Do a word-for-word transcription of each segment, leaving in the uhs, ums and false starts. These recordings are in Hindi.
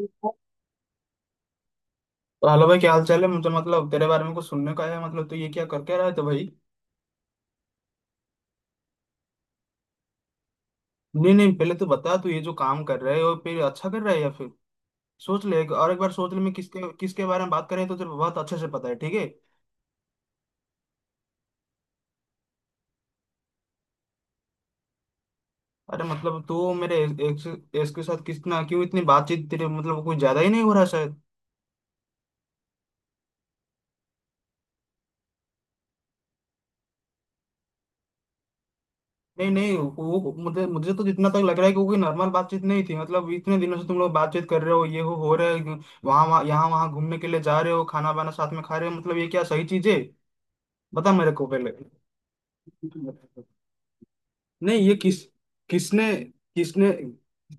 तो हेलो भाई, क्या हाल चाल है? मुझे मतलब तेरे बारे में कुछ सुनने का है। मतलब तू ये क्या कर क्या रहा है? तो भाई नहीं नहीं, पहले तो बता, तू ये जो काम कर रहा है और फिर अच्छा कर रहा है या फिर सोच ले। एक- और एक बार सोच ले मैं किसके किसके बारे में बात करें। तो तेरे को बहुत अच्छे से पता है ठीक है। अरे मतलब तू मेरे एक्स एक्स के साथ कितना क्यों इतनी बातचीत, तेरे मतलब कुछ ज्यादा ही नहीं हो रहा शायद? नहीं नहीं वो, वो- मुझे मुझे तो जितना तक लग रहा है कि वो कोई नॉर्मल बातचीत नहीं थी। मतलब इतने दिनों से तुम लोग बातचीत कर रहे हो ये हो हो रहा है। वहाँ वहाँ यहाँ वहाँ घूमने के लिए जा रहे हो, खाना वाना साथ में खा रहे हो। मतलब ये क्या सही चीज है? बता मेरे को पहले। नहीं ये किस किसने किसने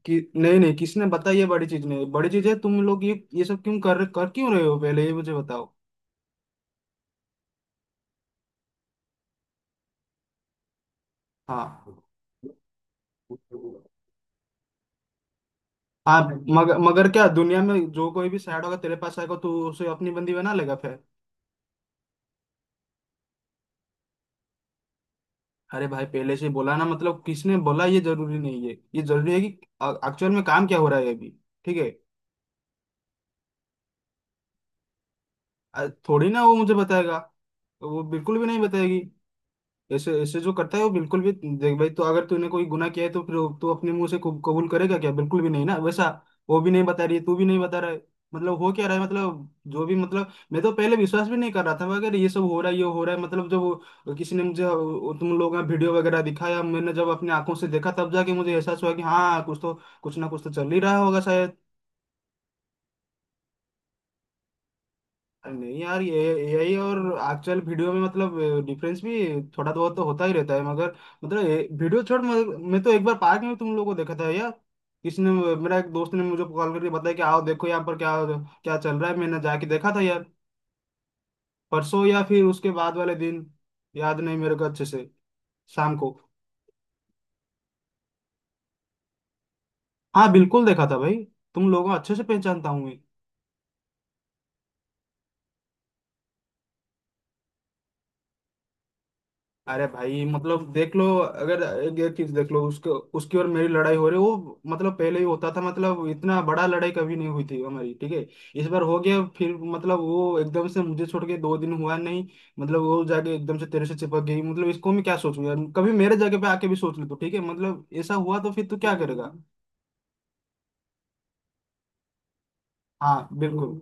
कि, नहीं नहीं किसने बता। ये बड़ी चीज नहीं, बड़ी चीज है। तुम लोग ये ये सब क्यों कर कर क्यों रहे हो, पहले ये मुझे बताओ। हाँ हाँ, मगर मगर क्या दुनिया में जो कोई भी सैड होगा तेरे पास आएगा तो उसे अपनी बंदी बना लेगा फिर? अरे भाई पहले से ही बोला ना, मतलब किसने बोला ये जरूरी नहीं है, ये जरूरी है कि एक्चुअल में काम क्या हो रहा है अभी। ठीक है। अ- थोड़ी ना वो मुझे बताएगा, वो बिल्कुल भी नहीं बताएगी। ऐसे ऐसे जो करता है वो बिल्कुल भी। देख भाई, तो अगर तूने कोई गुनाह किया है तो फिर वो- तू अपने मुंह से कबू- कबूल करेगा क्या? बिल्कुल भी नहीं ना वैसा। वो भी नहीं बता रही है, तू भी नहीं बता रहा है, मतलब हो क्या रहा है मतलब? जो भी मतलब मैं तो पहले विश्वास भी नहीं कर रहा था, मगर ये सब हो रहा है, ये हो रहा है। मतलब जब वो- किसी ने मुझे वो- तुम लोगों का वीडियो वगैरह दिखाया, मैंने जब अपनी आंखों से देखा, तब जाके मुझे एहसास हुआ कि हाँ कुछ तो कुछ ना कुछ तो चल ही रहा होगा शायद। नहीं यार, ये यही और एक्चुअल वीडियो में मतलब डिफरेंस भी थोड़ा बहुत तो होता ही रहता है, मगर मतलब ये वीडियो छोड़। मगर मैं तो एक बार पार्क में तुम लोगों को देखा था यार। किसी ने मेरा एक दोस्त ने मुझे कॉल करके बताया कि आओ देखो यहाँ पर क्या क्या चल रहा है, मैंने जाके देखा था यार। परसों या फिर उसके बाद वाले दिन, याद नहीं मेरे को अच्छे से, शाम को। हाँ बिल्कुल देखा था भाई, तुम लोगों को अच्छे से पहचानता हूँ मैं। अरे भाई मतलब देख लो, अगर एक एक चीज देख लो। उसके उसकी और मेरी लड़ाई हो रही वो मतलब पहले ही होता था, मतलब इतना बड़ा लड़ाई कभी नहीं हुई थी हमारी, ठीक है। इस बार हो गया, फिर मतलब वो एकदम से मुझे छोड़ के दो दिन हुआ नहीं। मतलब वो जाके एकदम से तेरे से चिपक गई। मतलब इसको मैं क्या सोचूं यार, कभी मेरे जगह पे आके भी सोच ले तो। ठीक है मतलब ऐसा हुआ तो फिर तू क्या करेगा? हाँ बिल्कुल।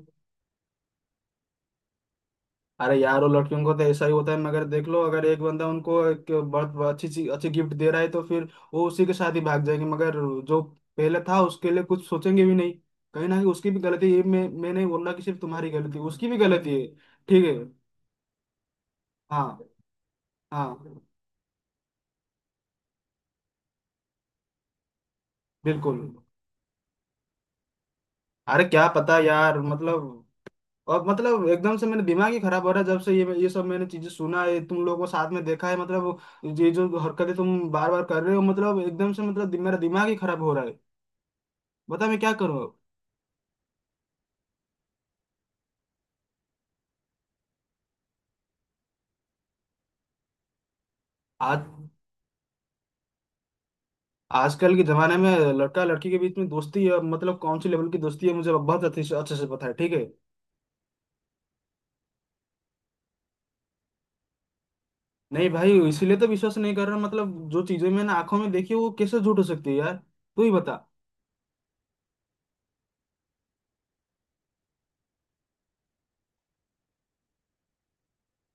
अरे यार वो लड़कियों को तो ऐसा ही होता है, मगर देख लो अगर एक बंदा उनको एक बहुत बहुत अच्छी चीज, अच्छी गिफ्ट दे रहा है तो फिर वो उसी के साथ ही भाग जाएंगे, मगर जो पहले था उसके लिए कुछ सोचेंगे भी नहीं। कहीं ना कहीं उसकी भी गलती है, ये मैं मैं नहीं बोल रहा कि सिर्फ तुम्हारी गलती है, उसकी भी गलती है। ठीक है। हाँ हाँ बिल्कुल। अरे क्या पता यार मतलब, और मतलब एकदम से मेरा दिमाग ही खराब हो रहा है जब से ये ये सब मैंने चीजें सुना है, तुम लोगों को साथ में देखा है। मतलब ये जो हरकतें तुम बार बार कर रहे हो, मतलब एकदम से मतलब दि- मेरा दिमाग ही खराब हो रहा है, बता मैं क्या करूं। आज आजकल के जमाने में लड़का लड़की के बीच में दोस्ती है, मतलब कौन सी लेवल की दोस्ती है मुझे बहुत अच्छे से अच्छे से पता है, ठीक है। नहीं भाई इसीलिए तो विश्वास नहीं कर रहा, मतलब जो चीजें मैंने आंखों में देखी वो कैसे झूठ हो सकती है यार, तू ही बता।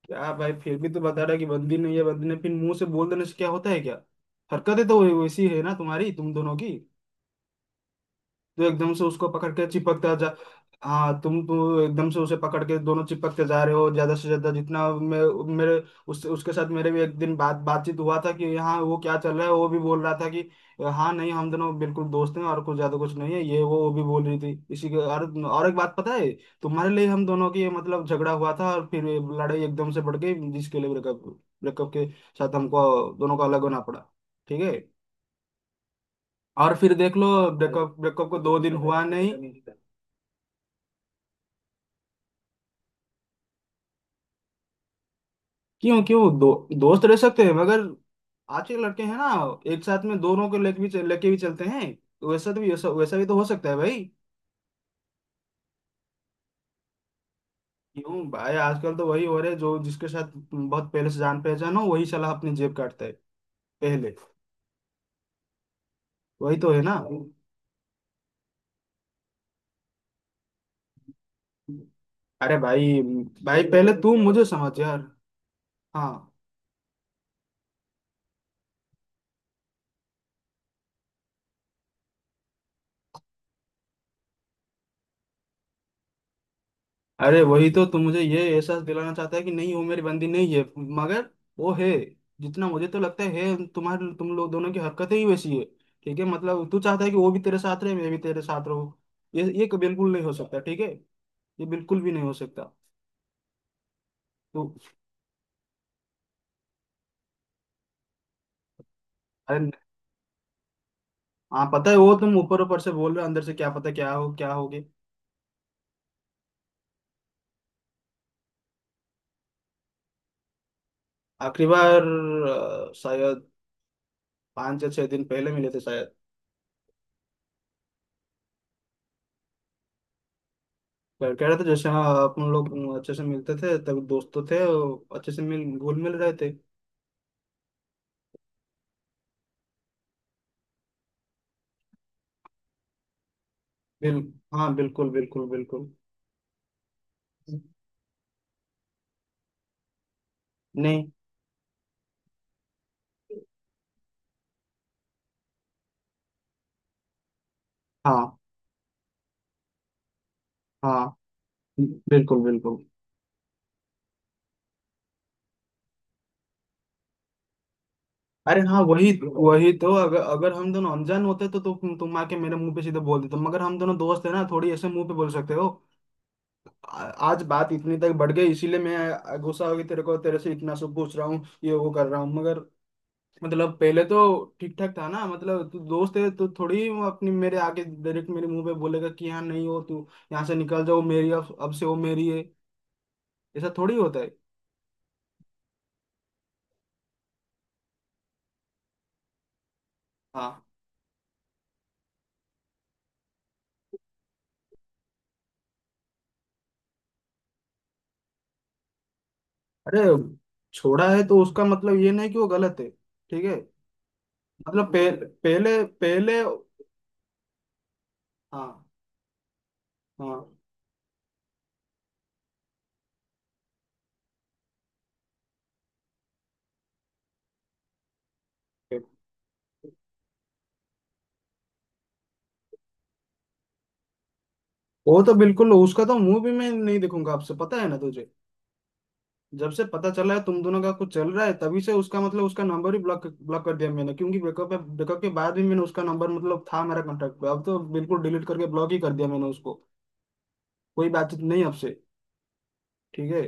क्या भाई, फिर भी तो बता रहा है कि बंदी नहीं है, बंदी ने फिर मुंह से बोल देने से क्या होता है क्या? हरकतें तो वही- वैसी है ना तुम्हारी, तुम दोनों की। तो एकदम से उसको पकड़ के चिपकता जा। हाँ तुम तो एकदम से उसे पकड़ के दोनों चिपकते जा रहे हो, ज्यादा से ज्यादा जितना मैं। मेरे उस उसके साथ मेरे भी एक दिन बात बातचीत हुआ था कि हाँ वो क्या चल रहा है, वो भी बोल रहा था कि हाँ नहीं हम दोनों बिल्कुल दोस्त हैं और कुछ ज्यादा कुछ नहीं है, ये वो वो भी बोल रही थी। इसी के और और एक बात पता है, तुम्हारे लिए हम दोनों की मतलब झगड़ा हुआ था और फिर ये लड़ाई एकदम से बढ़ गई, जिसके लिए ब्रेकअप ब्रेकअप के साथ हमको दोनों को अलग होना पड़ा, ठीक है। और फिर देख लो, ब्रेकअप ब्रेकअप को दो दिन हुआ नहीं। क्यों क्यों दो, दोस्त रह सकते हैं मगर आज के लड़के हैं ना, एक साथ में दोनों को लेके भी चल- लेके भी चलते हैं, तो वैसा तो भी वैसा, वैसा भी तो हो सकता है भाई। क्यों भाई आजकल तो वही हो रहे, जो जिसके साथ बहुत पहले से जान पहचान हो वही साला अपनी जेब काटता है पहले, वही तो है ना। अरे भाई भाई पहले तू मुझे समझ यार। हाँ। अरे वही तो, तुम मुझे ये एहसास दिलाना चाहता है कि नहीं वो मेरी बंदी नहीं है, मगर वो है। जितना मुझे तो लगता है तुम्हारे तुम लोग दोनों की हरकतें ही वैसी है, ठीक है। मतलब तू चाहता है कि वो भी तेरे साथ रहे, मैं भी तेरे साथ रहूं, ये ये क- बिल्कुल नहीं हो सकता ठीक है, ये बिल्कुल भी नहीं हो सकता। तो अरे न- हाँ पता है वो तुम ऊपर ऊपर से बोल रहे हो, अंदर से क्या पता क्या हो, क्या होगे। आखिरी बार, अ, शायद पाँच या छह दिन पहले मिले थे शायद। कह कह रहे थे, जैसे हाँ, अपन लोग अच्छे से मिलते थे तब, दोस्त तो थे, अच्छे से मिल घुल मिल रहे थे। बिल हाँ बिल्कुल बिल्कुल बिल्कुल। नहीं, हाँ हाँ बिल्कुल बिल्कुल। अरे हाँ, वही वही तो। अगर अगर हम दोनों अनजान होते तो, तो तुम तुम आके मेरे मुंह पे सीधे बोल देते, मगर हम दोनों दोस्त है ना, थोड़ी ऐसे मुंह पे बोल सकते हो। आ- आज बात इतनी तक बढ़ गई इसीलिए मैं गुस्सा हो गई, तेरे को तेरे से इतना सब पूछ रहा हूँ, ये वो कर रहा हूँ, मगर मतलब पहले तो ठीक ठाक था ना। मतलब तू दोस्त है तो थोड़ी वो अपनी मेरे आगे डायरेक्ट मेरे मुंह पे बोलेगा कि हाँ नहीं, हो तू यहाँ से निकल जाओ मेरी, अब अब से वो मेरी है, ऐसा थोड़ी होता है। हाँ। अरे छोड़ा है तो उसका मतलब ये नहीं कि वो गलत है, ठीक है। मतलब पह, पहले पहले। हाँ हाँ। वो तो बिल्कुल, उसका तो मुंह भी मैं नहीं देखूंगा आपसे, पता है ना तुझे। जब से पता चला है तुम दोनों का कुछ चल रहा है, तभी से उसका मतलब उसका नंबर ही ब्लॉक ब्लॉक कर दिया मैंने, क्योंकि ब्रेकअप ब्रेकअप के बाद भी मैंने उसका नंबर मतलब था मेरा कॉन्टेक्ट पे, अब तो बिल्कुल डिलीट करके ब्लॉक ही कर दिया मैंने उसको, कोई बातचीत नहीं आपसे। ठीक है।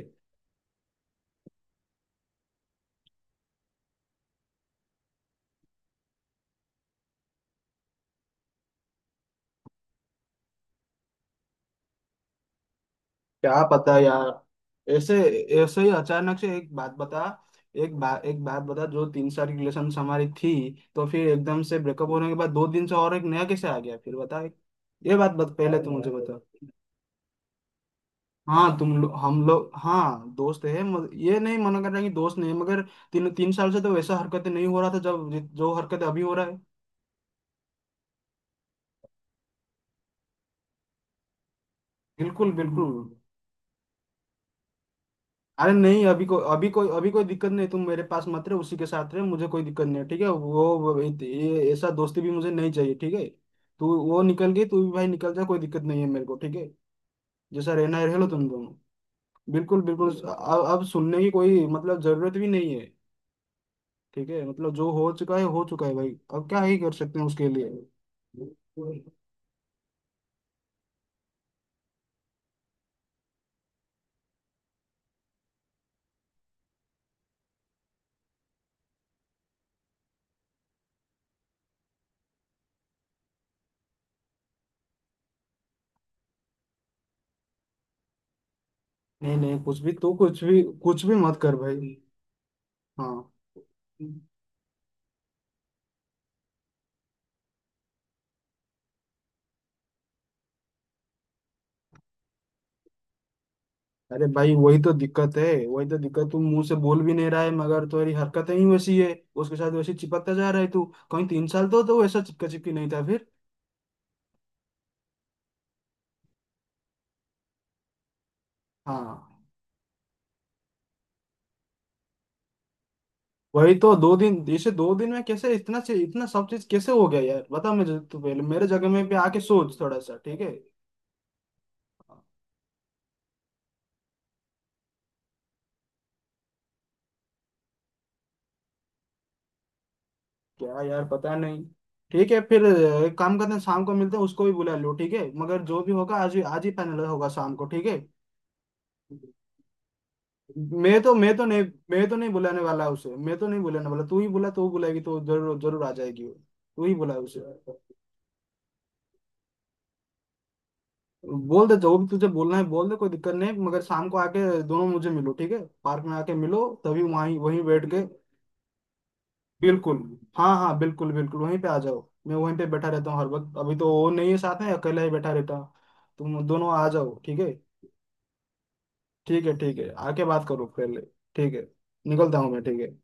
क्या पता यार, ऐसे ऐसे ही अचानक से एक बात बता एक बात एक बात बता, जो तीन साल की रिलेशन हमारी थी, तो फिर एकदम से ब्रेकअप होने के बाद दो दिन से और एक नया कैसे आ गया फिर बता, ये बात बत, पहले तो मुझे बता। हाँ तुम लोग हम लोग, हाँ दोस्त है, मग- ये नहीं मना कर रहा कि दोस्त नहीं है, मगर तीन तीन साल से तो वैसा हरकत नहीं हो रहा था, जब जो हरकत अभी हो रहा है। बिल्कुल बिल्कुल। अरे नहीं, अभी को अभी कोई अभी कोई दिक्कत नहीं, तुम मेरे पास मत रहे, उसी के साथ रहे, मुझे कोई दिक्कत नहीं है ठीक है। वो वो- इत- ये ऐसा दोस्ती भी मुझे नहीं चाहिए ठीक है। तू वो निकल गई, तू भी भाई निकल जा, कोई दिक्कत नहीं है मेरे को ठीक है, जैसा रहना है रह लो तुम दोनों। बिल्कुल बिल्कुल। अब अब सुनने की कोई मतलब जरूरत भी नहीं है। ठीक है मतलब जो हो चुका है हो चुका है भाई, अब क्या ही कर सकते हैं उसके लिए। नहीं नहीं, कुछ भी तू कुछ भी कुछ भी मत कर भाई। हाँ। अरे भाई वही तो दिक्कत है वही तो दिक्कत, तू मुंह से बोल भी नहीं रहा है, मगर तेरी हरकतें ही वैसी है, उसके साथ वैसे चिपकता जा रहा है तू। कहीं तीन साल तो तो वैसा चिपका चिपकी नहीं था फिर। हाँ वही तो दो दिन इसे दो दिन में कैसे इतना से इतना सब चीज कैसे हो गया यार, बता मुझे, तू पहले मेरे जगह में भी आके सोच थोड़ा सा ठीक है। क्या यार पता नहीं। ठीक है फिर, अ, एक काम करते हैं, शाम को मिलते हैं, उसको भी बुला लो ठीक है, मगर जो भी होगा आज ही, आज ही फाइनल होगा शाम को। ठीक है। मैं तो मैं तो नहीं मैं तो नहीं बुलाने वाला उसे, मैं तो नहीं बुलाने वाला तू ही बुला, तो वो बुलाएगी तो जरूर जरूर आ जाएगी वो। तू ही बुला उसे, बोल दे जो भी तुझे बोलना है बोल दे, कोई दिक्कत नहीं, मगर शाम को आके दोनों मुझे मिलो ठीक है, पार्क में आके मिलो, तभी वहीं वहीं बैठ के। बिल्कुल, हाँ हाँ बिल्कुल बिल्कुल। वहीं पे आ जाओ, मैं वहीं पे बैठा रहता हूँ हर वक्त, अभी तो वो नहीं है साथ में, अकेला ही बैठा रहता हूँ। तुम दोनों आ जाओ ठीक है। ठीक है। ठीक है आके बात करो पहले। ठीक है, निकलता हूँ मैं, ठीक है।